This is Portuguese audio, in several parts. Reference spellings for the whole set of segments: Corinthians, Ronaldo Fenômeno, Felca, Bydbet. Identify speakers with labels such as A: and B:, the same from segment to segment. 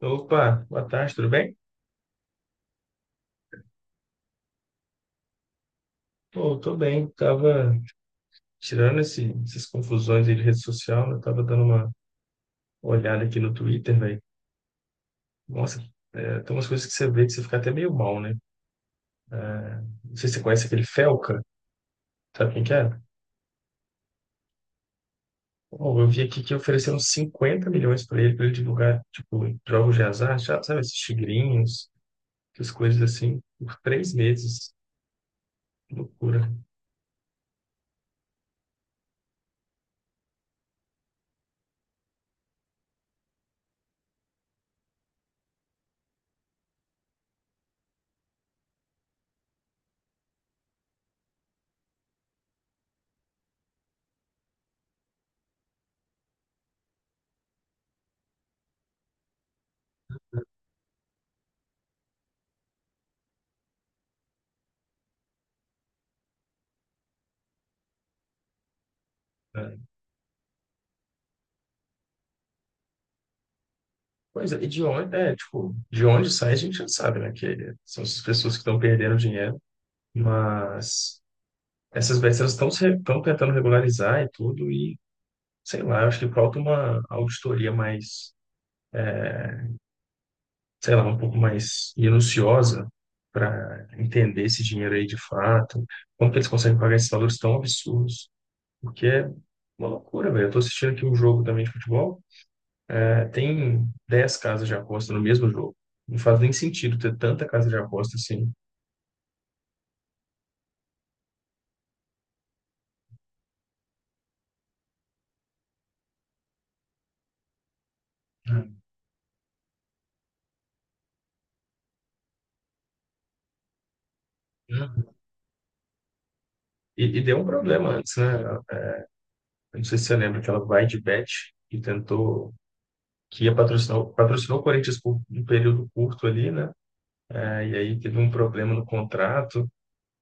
A: Opa, boa tarde, tudo bem? Pô, tô bem, tava tirando essas confusões aí de rede social, né? Tava dando uma olhada aqui no Twitter, velho. Nossa, é, tem umas coisas que você vê que você fica até meio mal, né? Não sei se você conhece aquele Felca, sabe quem que é? Pô, eu vi aqui que ofereceram 50 milhões pra ele divulgar, tipo, jogos de azar, sabe, esses tigrinhos, essas coisas assim, por 3 meses. Loucura. Né? Pois é, e de onde sai a gente já sabe, né? Que são essas pessoas que estão perdendo dinheiro. Mas essas BRs elas estão tentando regularizar e tudo, e sei lá, eu acho que falta uma auditoria mais, sei lá, um pouco mais minuciosa para entender esse dinheiro aí de fato, como que eles conseguem pagar esses valores tão absurdos, porque é uma loucura, velho. Eu tô assistindo aqui um jogo também de futebol, é, tem 10 casas de aposta no mesmo jogo. Não faz nem sentido ter tanta casa de aposta assim. Uhum. E deu um problema antes, né? Eu não sei se você lembra, aquela Bydbet, que tentou que ia patrocinar, patrocinou o Corinthians por um período curto ali, né? É, e aí teve um problema no contrato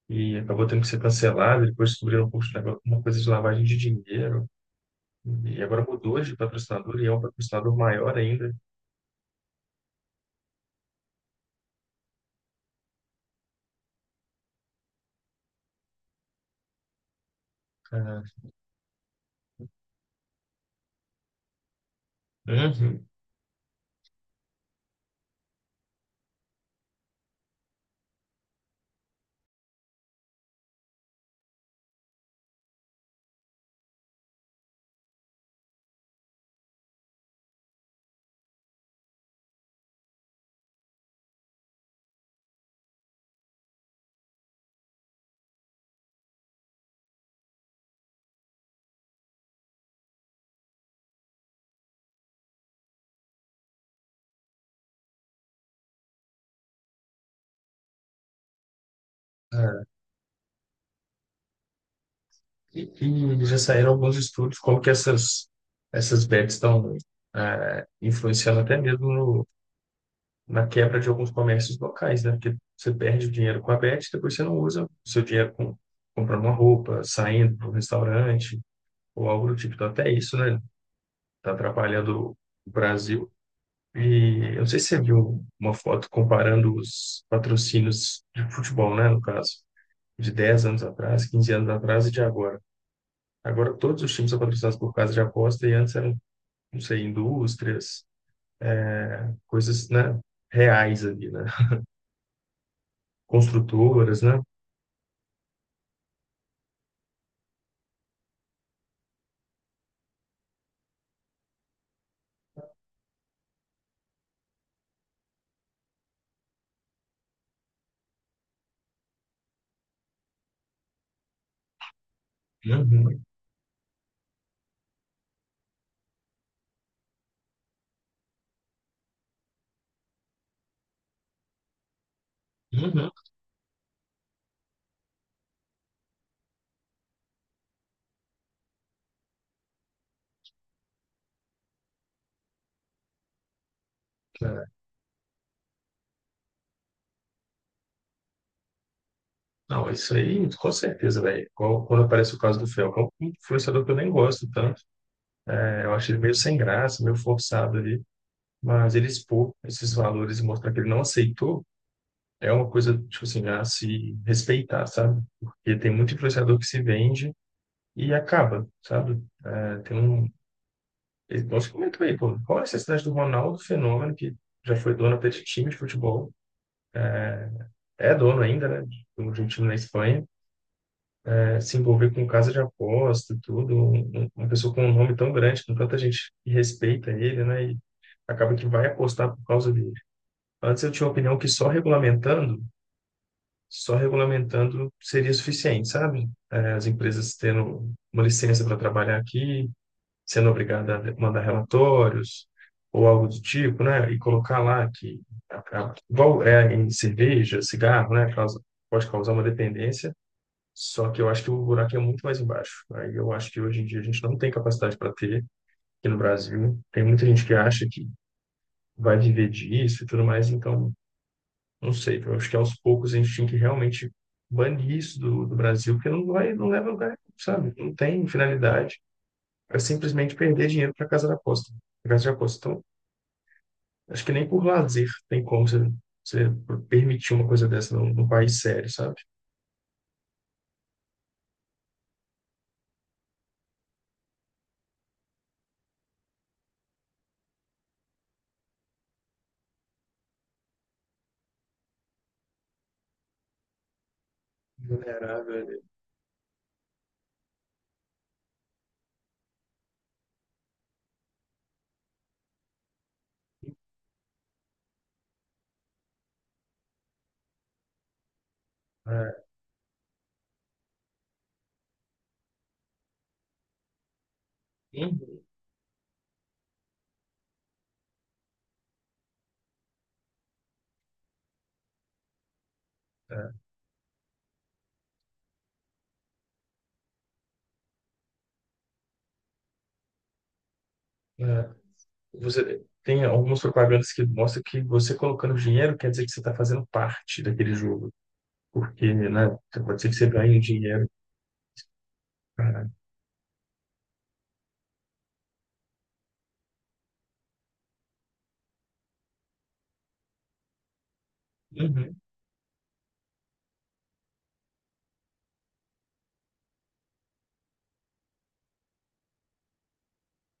A: e acabou tendo que ser cancelado. Depois descobriram uma coisa de lavagem de dinheiro. E agora mudou de patrocinador e é um patrocinador maior ainda. É, uhum. É, e, e já saíram alguns estudos como que essas bets estão é, influenciando até mesmo na quebra de alguns comércios locais, né? Porque você perde o dinheiro com a Bet, depois você não usa o seu dinheiro comprando uma roupa, saindo para um restaurante ou algo do tipo. Então, até isso, né? Está atrapalhando o Brasil. E eu não sei se você viu uma foto comparando os patrocínios de futebol, né? No caso, de 10 anos atrás, 15 anos atrás e de agora. Agora, todos os times são patrocinados por casa de aposta e antes eram, não sei, indústrias, coisas, né? Reais ali, né? Construtoras, né? Uhum. Uhum, é. Não, isso aí, com certeza, velho. Igual quando aparece o caso do Felcão, um influenciador que eu nem gosto tanto, é, eu acho ele meio sem graça, meio forçado ali, mas ele expor esses valores e mostrar que ele não aceitou é uma coisa, tipo assim, a se respeitar, sabe? Porque tem muito influenciador que se vende e acaba, sabe? É, tem um. Nós comentou aí, pô, qual é a necessidade do Ronaldo Fenômeno, que já foi dono até de time de futebol, é dono ainda, né? De um time na Espanha, né, se envolver com casa de aposta, tudo, uma pessoa com um nome tão grande, com tanta gente que respeita ele, né? E acaba que vai apostar por causa dele. Antes eu tinha a opinião que só regulamentando seria suficiente, sabe? As empresas tendo uma licença para trabalhar aqui, sendo obrigada a mandar relatórios ou algo do tipo, né? E colocar lá que igual é em cerveja, cigarro, né? Pode causar uma dependência, só que eu acho que o buraco é muito mais embaixo. Aí eu acho que hoje em dia a gente não tem capacidade para ter aqui no Brasil. Tem muita gente que acha que vai viver disso e tudo mais, então não sei. Eu acho que aos poucos a gente tinha que realmente banir isso do Brasil, porque não vai, não leva a lugar, sabe? Não tem finalidade. É simplesmente perder dinheiro para casa da aposta. Pra casa de aposta. Então, acho que nem por lazer tem como você permitir uma coisa dessa num país sério, sabe? Vulnerável. É, é, você tem algumas propagandas que mostram que você colocando dinheiro quer dizer que você está fazendo parte daquele jogo. Porque, né, pode ser que você ganhe dinheiro. pra- Uhum,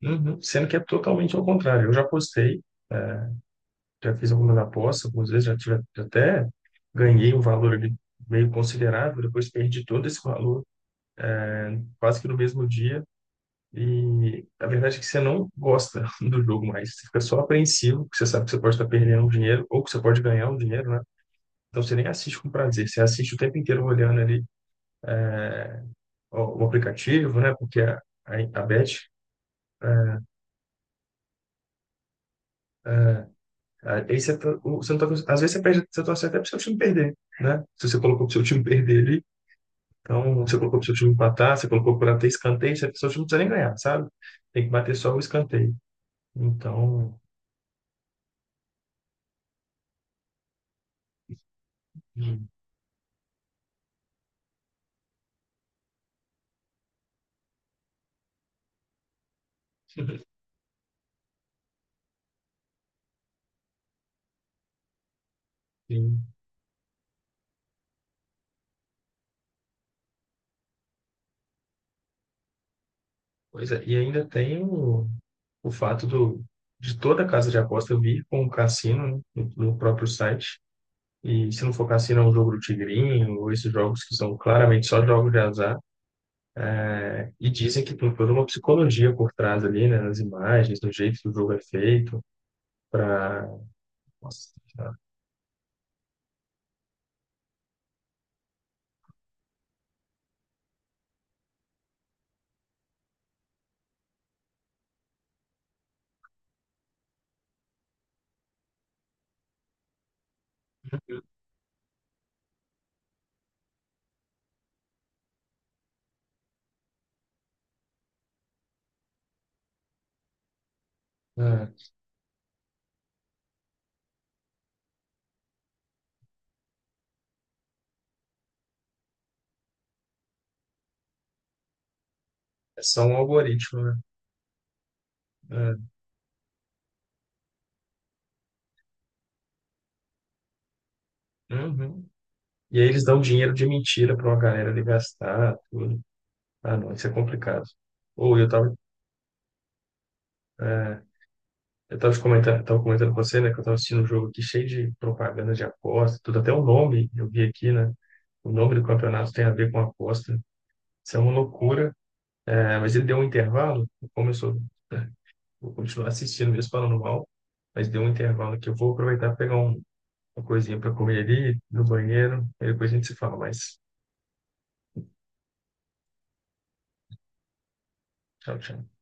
A: uhum. Sendo que é totalmente ao contrário. Eu já apostei, já fiz algumas apostas, algumas vezes já até ganhei um valor ali meio considerável, depois perdi todo esse valor quase que no mesmo dia. E a verdade é que você não gosta do jogo mais, você fica só apreensivo, porque você sabe que você pode estar perdendo um dinheiro ou que você pode ganhar um dinheiro, né? Então você nem assiste com prazer, você assiste o tempo inteiro olhando ali ó, o aplicativo, né? Porque a, a bet, é, é, aí você não tá, às vezes você perde, você torce até pro seu time perder, né? Se você colocou para o seu time perder ali, então você colocou para o seu time empatar, você colocou para ter escanteio, seu time não precisa nem ganhar, sabe? Tem que bater só o escanteio. Então, hum, sim, pois é. E ainda tem o fato de toda a casa de aposta vir com o cassino, né, no próprio site. E se não for cassino, é um jogo do tigrinho, ou esses jogos que são claramente só jogos de azar. Né? E dizem que tem toda uma psicologia por trás ali, né? Nas imagens, no jeito que o jogo é feito, para. É, é só um algoritmo, né? É, uhum. E aí eles dão dinheiro de mentira para uma galera ali gastar, tudo. Ah, não, isso é complicado. Ou eu tava, é, eu tava te comentando, tava comentando com você, né, que eu tava assistindo um jogo aqui cheio de propaganda de aposta, tudo, até o nome eu vi aqui, né? O nome do campeonato tem a ver com aposta. Isso é uma loucura. É, mas ele deu um intervalo, começou, né? Vou continuar assistindo mesmo falando mal, mas deu um intervalo que eu vou aproveitar e pegar uma coisinha para comer ali no banheiro, e depois a gente se fala mais. Tchau, tchau.